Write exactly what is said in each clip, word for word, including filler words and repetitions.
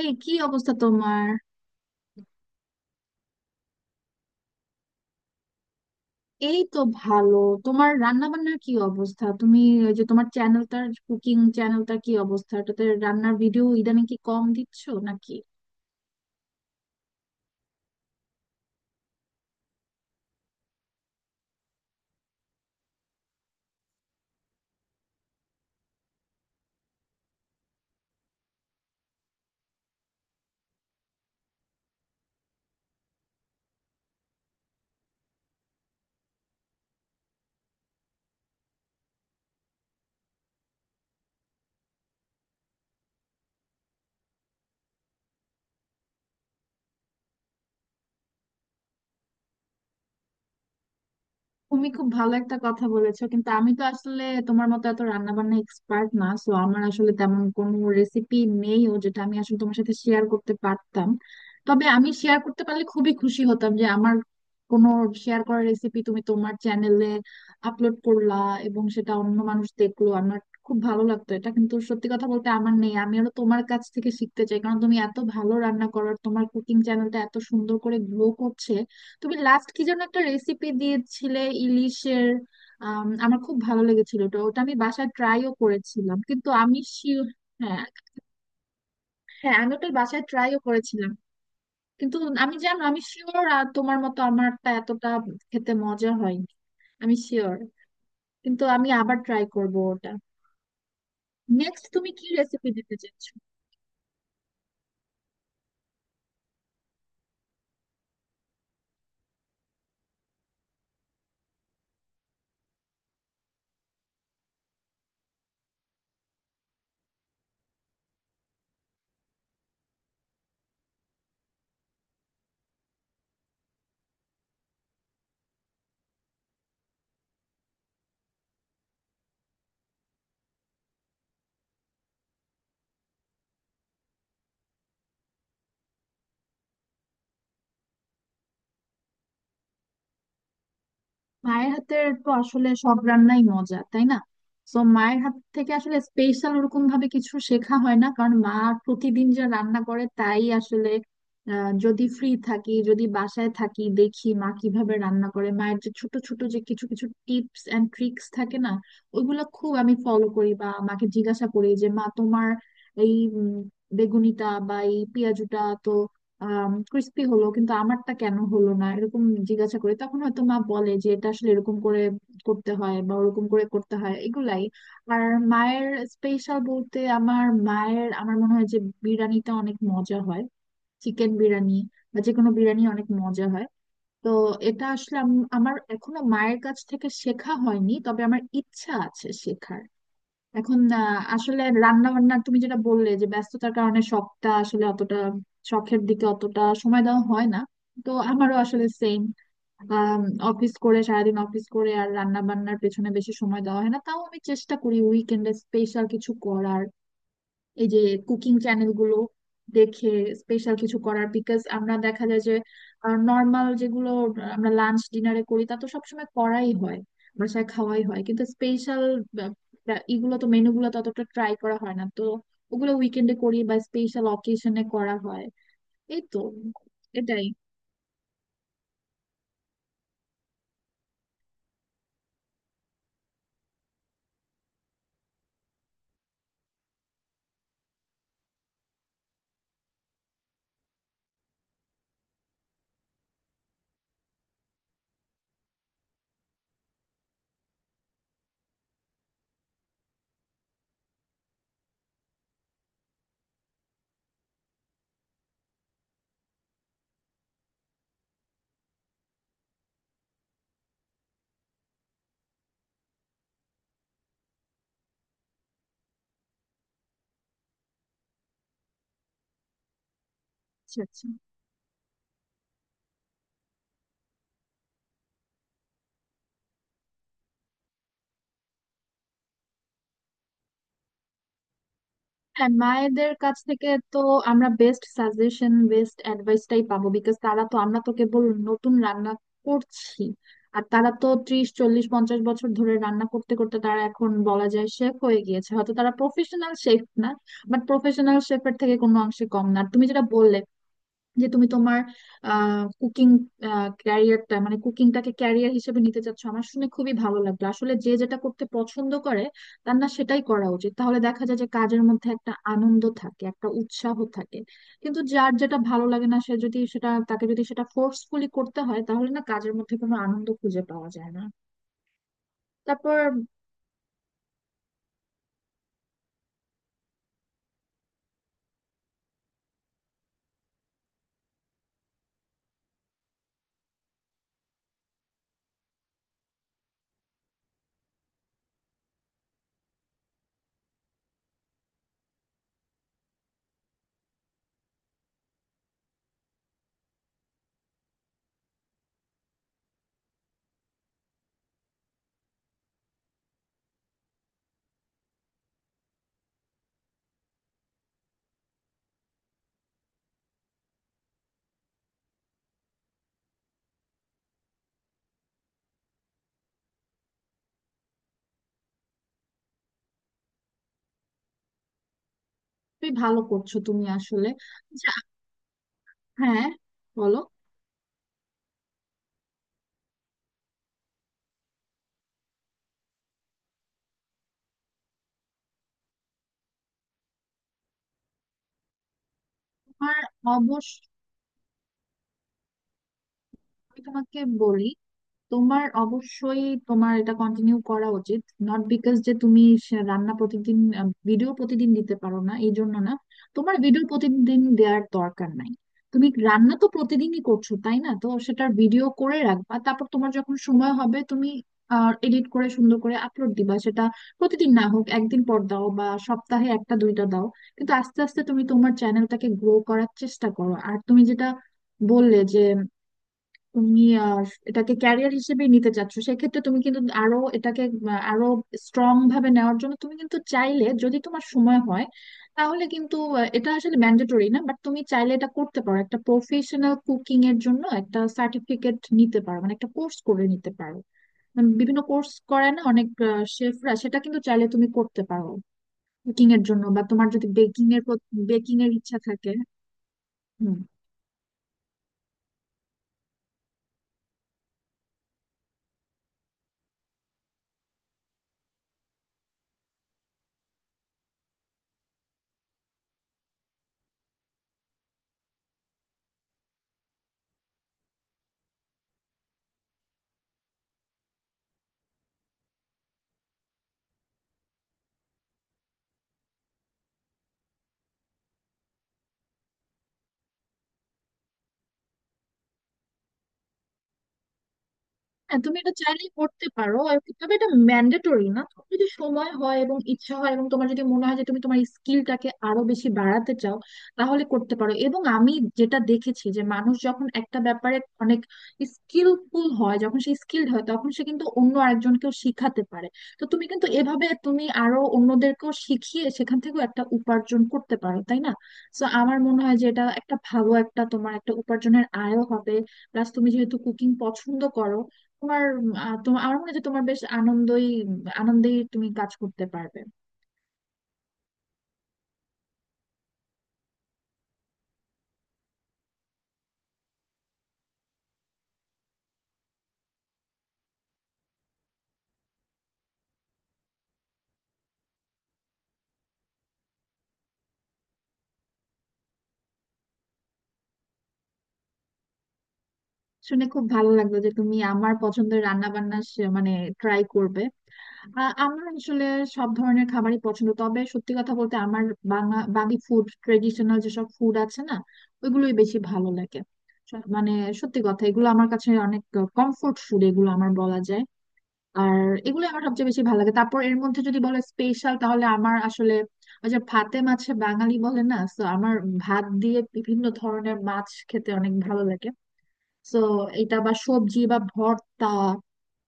এই কি অবস্থা তোমার? এই তো ভালো। তোমার রান্না বান্নার কি অবস্থা? তুমি ওই যে তোমার চ্যানেলটার, কুকিং চ্যানেলটার কি অবস্থা? ওটাতে রান্নার ভিডিও ইদানিং কি কম দিচ্ছ নাকি? তুমি খুব ভালো একটা কথা বলেছো, কিন্তু আমি তো আসলে তোমার মতো এত রান্না বান্না এক্সপার্ট না, সো আমার আসলে তেমন কোনো রেসিপি নেইও যেটা আমি আসলে তোমার সাথে শেয়ার করতে পারতাম। তবে আমি শেয়ার করতে পারলে খুবই খুশি হতাম যে আমার কোনো শেয়ার করা রেসিপি তুমি তোমার চ্যানেলে আপলোড করলা এবং সেটা অন্য মানুষ দেখলো। আমার খুব ভালো লাগতো এটা, কিন্তু সত্যি কথা বলতে আমার নেই। আমি আরো তোমার কাছ থেকে শিখতে চাই, কারণ তুমি এত ভালো রান্না করো আর তোমার কুকিং চ্যানেলটা এত সুন্দর করে গ্রো করছে। তুমি লাস্ট কি যেন একটা রেসিপি দিয়েছিলে, ইলিশের। আম, আমার খুব ভালো লেগেছিল ওটা। ওটা আমি বাসায় ট্রাইও করেছিলাম, কিন্তু আমি শিওর। হ্যাঁ। হ্যাঁ, আমি ওটা বাসায় ট্রাইও করেছিলাম, কিন্তু আমি জানো আমি শিওর তোমার মতো আমারটা এতটা খেতে মজা হয়নি, আমি শিওর। কিন্তু আমি আবার ট্রাই করব ওটা। নেক্সট তুমি কি রেসিপি দিতে চাচ্ছ? মায়ের হাতের তো আসলে সব রান্নাই মজা, তাই না? তো মায়ের হাত থেকে আসলে স্পেশাল ওরকম ভাবে কিছু শেখা হয় না, কারণ মা প্রতিদিন যা রান্না করে তাই আসলে আহ, যদি ফ্রি থাকি, যদি বাসায় থাকি, দেখি মা কিভাবে রান্না করে। মায়ের যে ছোট ছোট যে কিছু কিছু টিপস এন্ড ট্রিক্স থাকে না, ওইগুলো খুব আমি ফলো করি, বা মাকে জিজ্ঞাসা করি যে মা তোমার এই উম, বেগুনিটা বা এই পেঁয়াজুটা তো ক্রিস্পি হলো, কিন্তু আমারটা কেন হলো না, এরকম জিজ্ঞাসা করে। তখন হয়তো মা বলে যে এটা আসলে এরকম করে করতে হয় বা ওরকম করে করতে হয়, এগুলাই। আর মায়ের স্পেশাল বলতে, আমার মায়ের আমার মনে হয় যে বিরিয়ানিটা অনেক মজা হয়, চিকেন বিরিয়ানি বা যে কোনো বিরিয়ানি অনেক মজা হয়। তো এটা আসলে আম- আমার এখনো মায়ের কাছ থেকে শেখা হয়নি, তবে আমার ইচ্ছা আছে শেখার। এখন আহ, আসলে রান্না বান্না তুমি যেটা বললে যে ব্যস্ততার কারণে শখটা আসলে অতটা, শখের দিকে অতটা সময় দেওয়া হয় না, তো আমারও আসলে সেম। অফিস করে, সারাদিন অফিস করে আর রান্না বান্নার পেছনে বেশি সময় দেওয়া হয় না। তাও আমি চেষ্টা করি উইকেন্ডে স্পেশাল কিছু করার, এই যে কুকিং চ্যানেল গুলো দেখে স্পেশাল কিছু করার। বিকজ আমরা দেখা যায় যে নর্মাল যেগুলো আমরা লাঞ্চ ডিনারে করি, তা তো সবসময় করাই হয়, বাসায় খাওয়াই হয়, কিন্তু স্পেশাল এগুলো তো, মেনু গুলো ততটা ট্রাই করা হয় না, তো ওগুলো উইকেন্ডে করি বা স্পেশাল অকেশনে করা হয়। এই তো, এটাই। আচ্ছা, আচ্ছা। হ্যাঁ, মায়েদের কাছ থেকে তো আমরা বেস্ট সাজেশন, বেস্ট অ্যাডভাইসটাই পাবো, বিকজ তারা তো, আমরা তো কেবল নতুন রান্না করছি, আর তারা তো ত্রিশ চল্লিশ পঞ্চাশ বছর ধরে রান্না করতে করতে তারা এখন বলা যায় শেফ হয়ে গিয়েছে। হয়তো তারা প্রফেশনাল শেফ না, বাট প্রফেশনাল শেফের থেকে কোনো অংশে কম না। আর তুমি যেটা বললে যে তুমি তোমার কুকিং ক্যারিয়ারটা, মানে কুকিংটাকে ক্যারিয়ার হিসেবে নিতে চাচ্ছ, আমার শুনে খুবই ভালো লাগলো। আসলে যে যেটা করতে পছন্দ করে তার না সেটাই করা উচিত, তাহলে দেখা যায় যে কাজের মধ্যে একটা আনন্দ থাকে, একটা উৎসাহ থাকে। কিন্তু যার যেটা ভালো লাগে না সে যদি সেটা, তাকে যদি সেটা ফোর্সফুলি করতে হয়, তাহলে না কাজের মধ্যে কোনো আনন্দ খুঁজে পাওয়া যায় না। তারপর তুমি ভালো করছো, তুমি আসলে। আচ্ছা, হ্যাঁ, বলো। তোমার অবশ্য, আমি তোমাকে বলি, তোমার অবশ্যই তোমার এটা কন্টিনিউ করা উচিত। নট বিকজ যে তুমি সে- রান্না প্রতিদিন, ভিডিও প্রতিদিন দিতে পারো না এই জন্য না। তোমার ভিডিও প্রতিদিন দেওয়ার দরকার নাই। তুমি রান্না তো প্রতিদিনই করছো তাই না, তো সেটার ভিডিও করে রাখবা, তারপর তোমার যখন সময় হবে তুমি এডিট করে সুন্দর করে আপলোড দিবা। সেটা প্রতিদিন না হোক একদিন পর দাও, বা সপ্তাহে একটা দুইটা দাও। কিন্তু আস্তে আস্তে তুমি তোমার চ্যানেলটাকে গ্রো করার চেষ্টা করো। আর তুমি যেটা বললে যে তুমি আহ, এটাকে ক্যারিয়ার হিসেবেই নিতে চাচ্ছ, সেক্ষেত্রে তুমি কিন্তু আরো এটাকে আহ, আরো স্ট্রং ভাবে নেওয়ার জন্য, তুমি কিন্তু চাইলে যদি তোমার সময় হয় তাহলে কিন্তু আহ, এটা আসলে ম্যান্ডেটরি না, বাট তুমি চাইলে এটা করতে পারো, একটা প্রফেশনাল কুকিং এর জন্য একটা সার্টিফিকেট নিতে পারো, মানে একটা কোর্স করে নিতে পারো। উম, বিভিন্ন কোর্স করে না অনেক শেফরা, সেটা কিন্তু চাইলে তুমি করতে পারো কুকিং এর জন্য, বা তোমার যদি বেকিং এর বেকিং এর ইচ্ছা থাকে। হ্যাঁ তুমি এটা চাইলেই করতে পারো আর কি- তবে এটা ম্যান্ডেটরি না। তোমার যদি সময় হয় এবং ইচ্ছা হয় এবং তোমার যদি মনে হয় যে তুমি তোমার স্কিলটাকে আরো বেশি বাড়াতে চাও, তাহলে করতে পারো। এবং আমি যেটা দেখেছি যে মানুষ যখন একটা ব্যাপারে অনেক স্কিলফুল হয়, যখন সে স্কিলড হয়, তখন সে কিন্তু অন্য আরেকজনকেও শিখাতে পারে। তো তুমি কিন্তু এভাবে তুমি আরো অন্যদেরকেও শিখিয়ে সেখান থেকেও একটা উপার্জন করতে পারো, তাই না? তো আমার মনে হয় যে এটা একটা ভালো, একটা তোমার একটা উপার্জনের আয়ও হবে। প্লাস তুমি যেহেতু কুকিং পছন্দ করো, তোমার আহ, তোমার আমার মনে হয় যে তোমার বেশ আনন্দই আনন্দেই তুমি কাজ করতে পারবে। শুনে খুব ভালো লাগলো যে তুমি আমার পছন্দের রান্না বান্না মানে ট্রাই করবে। আহ, আমার আসলে সব ধরনের খাবারই পছন্দ, তবে সত্যি কথা বলতে আমার বাংলা, বাঙালি ফুড, ট্রেডিশনাল যেসব ফুড আছে না, ওইগুলোই বেশি ভালো লাগে। স- মানে সত্যি কথা, এগুলো আমার কাছে অনেক কমফোর্ট ফুড এগুলো আমার, বলা যায়। আর এগুলো আমার সবচেয়ে বেশি ভালো লাগে। তারপর এর মধ্যে যদি বলে স্পেশাল, তাহলে আমার আসলে ওই যে ভাতে মাছে বাঙালি বলে না, তো আমার ভাত দিয়ে বিভিন্ন ধরনের মাছ খেতে অনেক ভালো লাগে। তো এটা বা সবজি বা ভর্তা,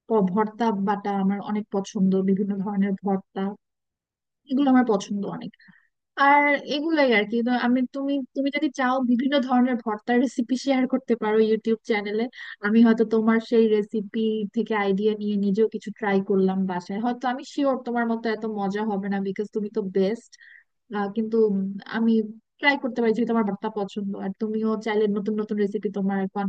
প- ভর্তা বাটা আমার অনেক পছন্দ, বিভিন্ন ধরনের ভর্তা এগুলো আমার পছন্দ অনেক। আর এগুলাই আর কি। তো আমি, তুমি তুমি যদি চাও বিভিন্ন ধরনের ভর্তার রেসিপি শেয়ার করতে পারো ইউটিউব চ্যানেলে। আমি হয়তো তোমার সেই রেসিপি থেকে আইডিয়া নিয়ে নিজেও কিছু ট্রাই করলাম বাসায়। হয়তো আমি শিওর তোমার মতো এত মজা হবে না, বিকজ তুমি তো বেস্ট। কিন্তু উম, আমি ট্রাই করতে পারি যেহেতু আমার ভর্তা পছন্দ। আর তুমিও চাইলে নতুন নতুন রেসিপি তোমার এখন।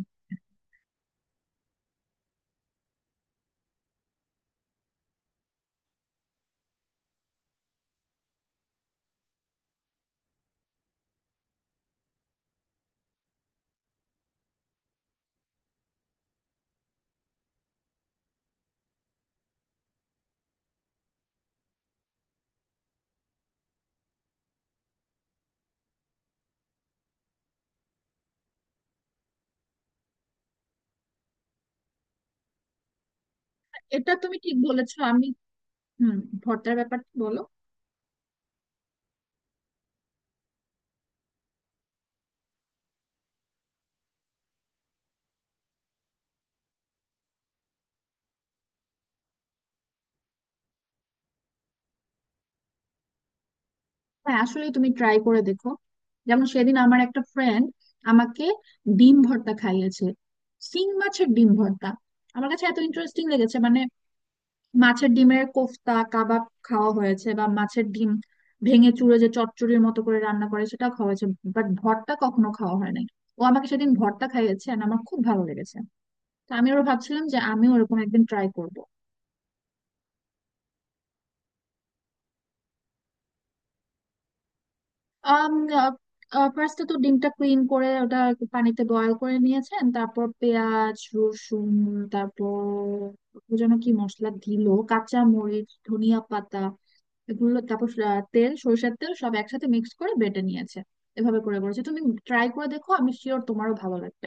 এটা তুমি ঠিক বলেছো, আমি। হুম, ভর্তার ব্যাপারটা বলো। হ্যাঁ আসলে তুমি ট্রাই করে দেখো। যেমন সেদিন আমার একটা ফ্রেন্ড আমাকে ডিম ভর্তা খাইয়েছে, সিং মাছের ডিম ভর্তা। আমার কাছে এত ইন্টারেস্টিং লেগেছে, মানে মাছের ডিমের কোফতা কাবাব খাওয়া হয়েছে, বা মাছের ডিম ভেঙে চুড়ে যে চচ্চড়ির মতো করে রান্না করে সেটা খাওয়া হয়েছে, বাট ভর্তা কখনো খাওয়া হয় নাই। ও আমাকে সেদিন ভর্তা খাইয়েছে আর আমার খুব ভালো লেগেছে। তো আমি ওরা ভাবছিলাম যে আমিও ওরকম একদিন ট্রাই করব। আম, আহ, আহ, ফার্স্টে তো ডিমটা ক্লিন করে ওটা একটু পানিতে বয়েল করে নিয়েছেন, তারপর পেঁয়াজ রসুন, তারপর ও যেন কি মশলা দিল, কাঁচা মরিচ ধনিয়া পাতা এগুলো, তারপর আহ, তেল, সরিষার তেল, সব একসাথে মিক্স করে বেটে নিয়েছে। এভাবে করে করেছে। তুমি ট্রাই করে দেখো, আমি শিওর তোমারও ভালো লাগবে।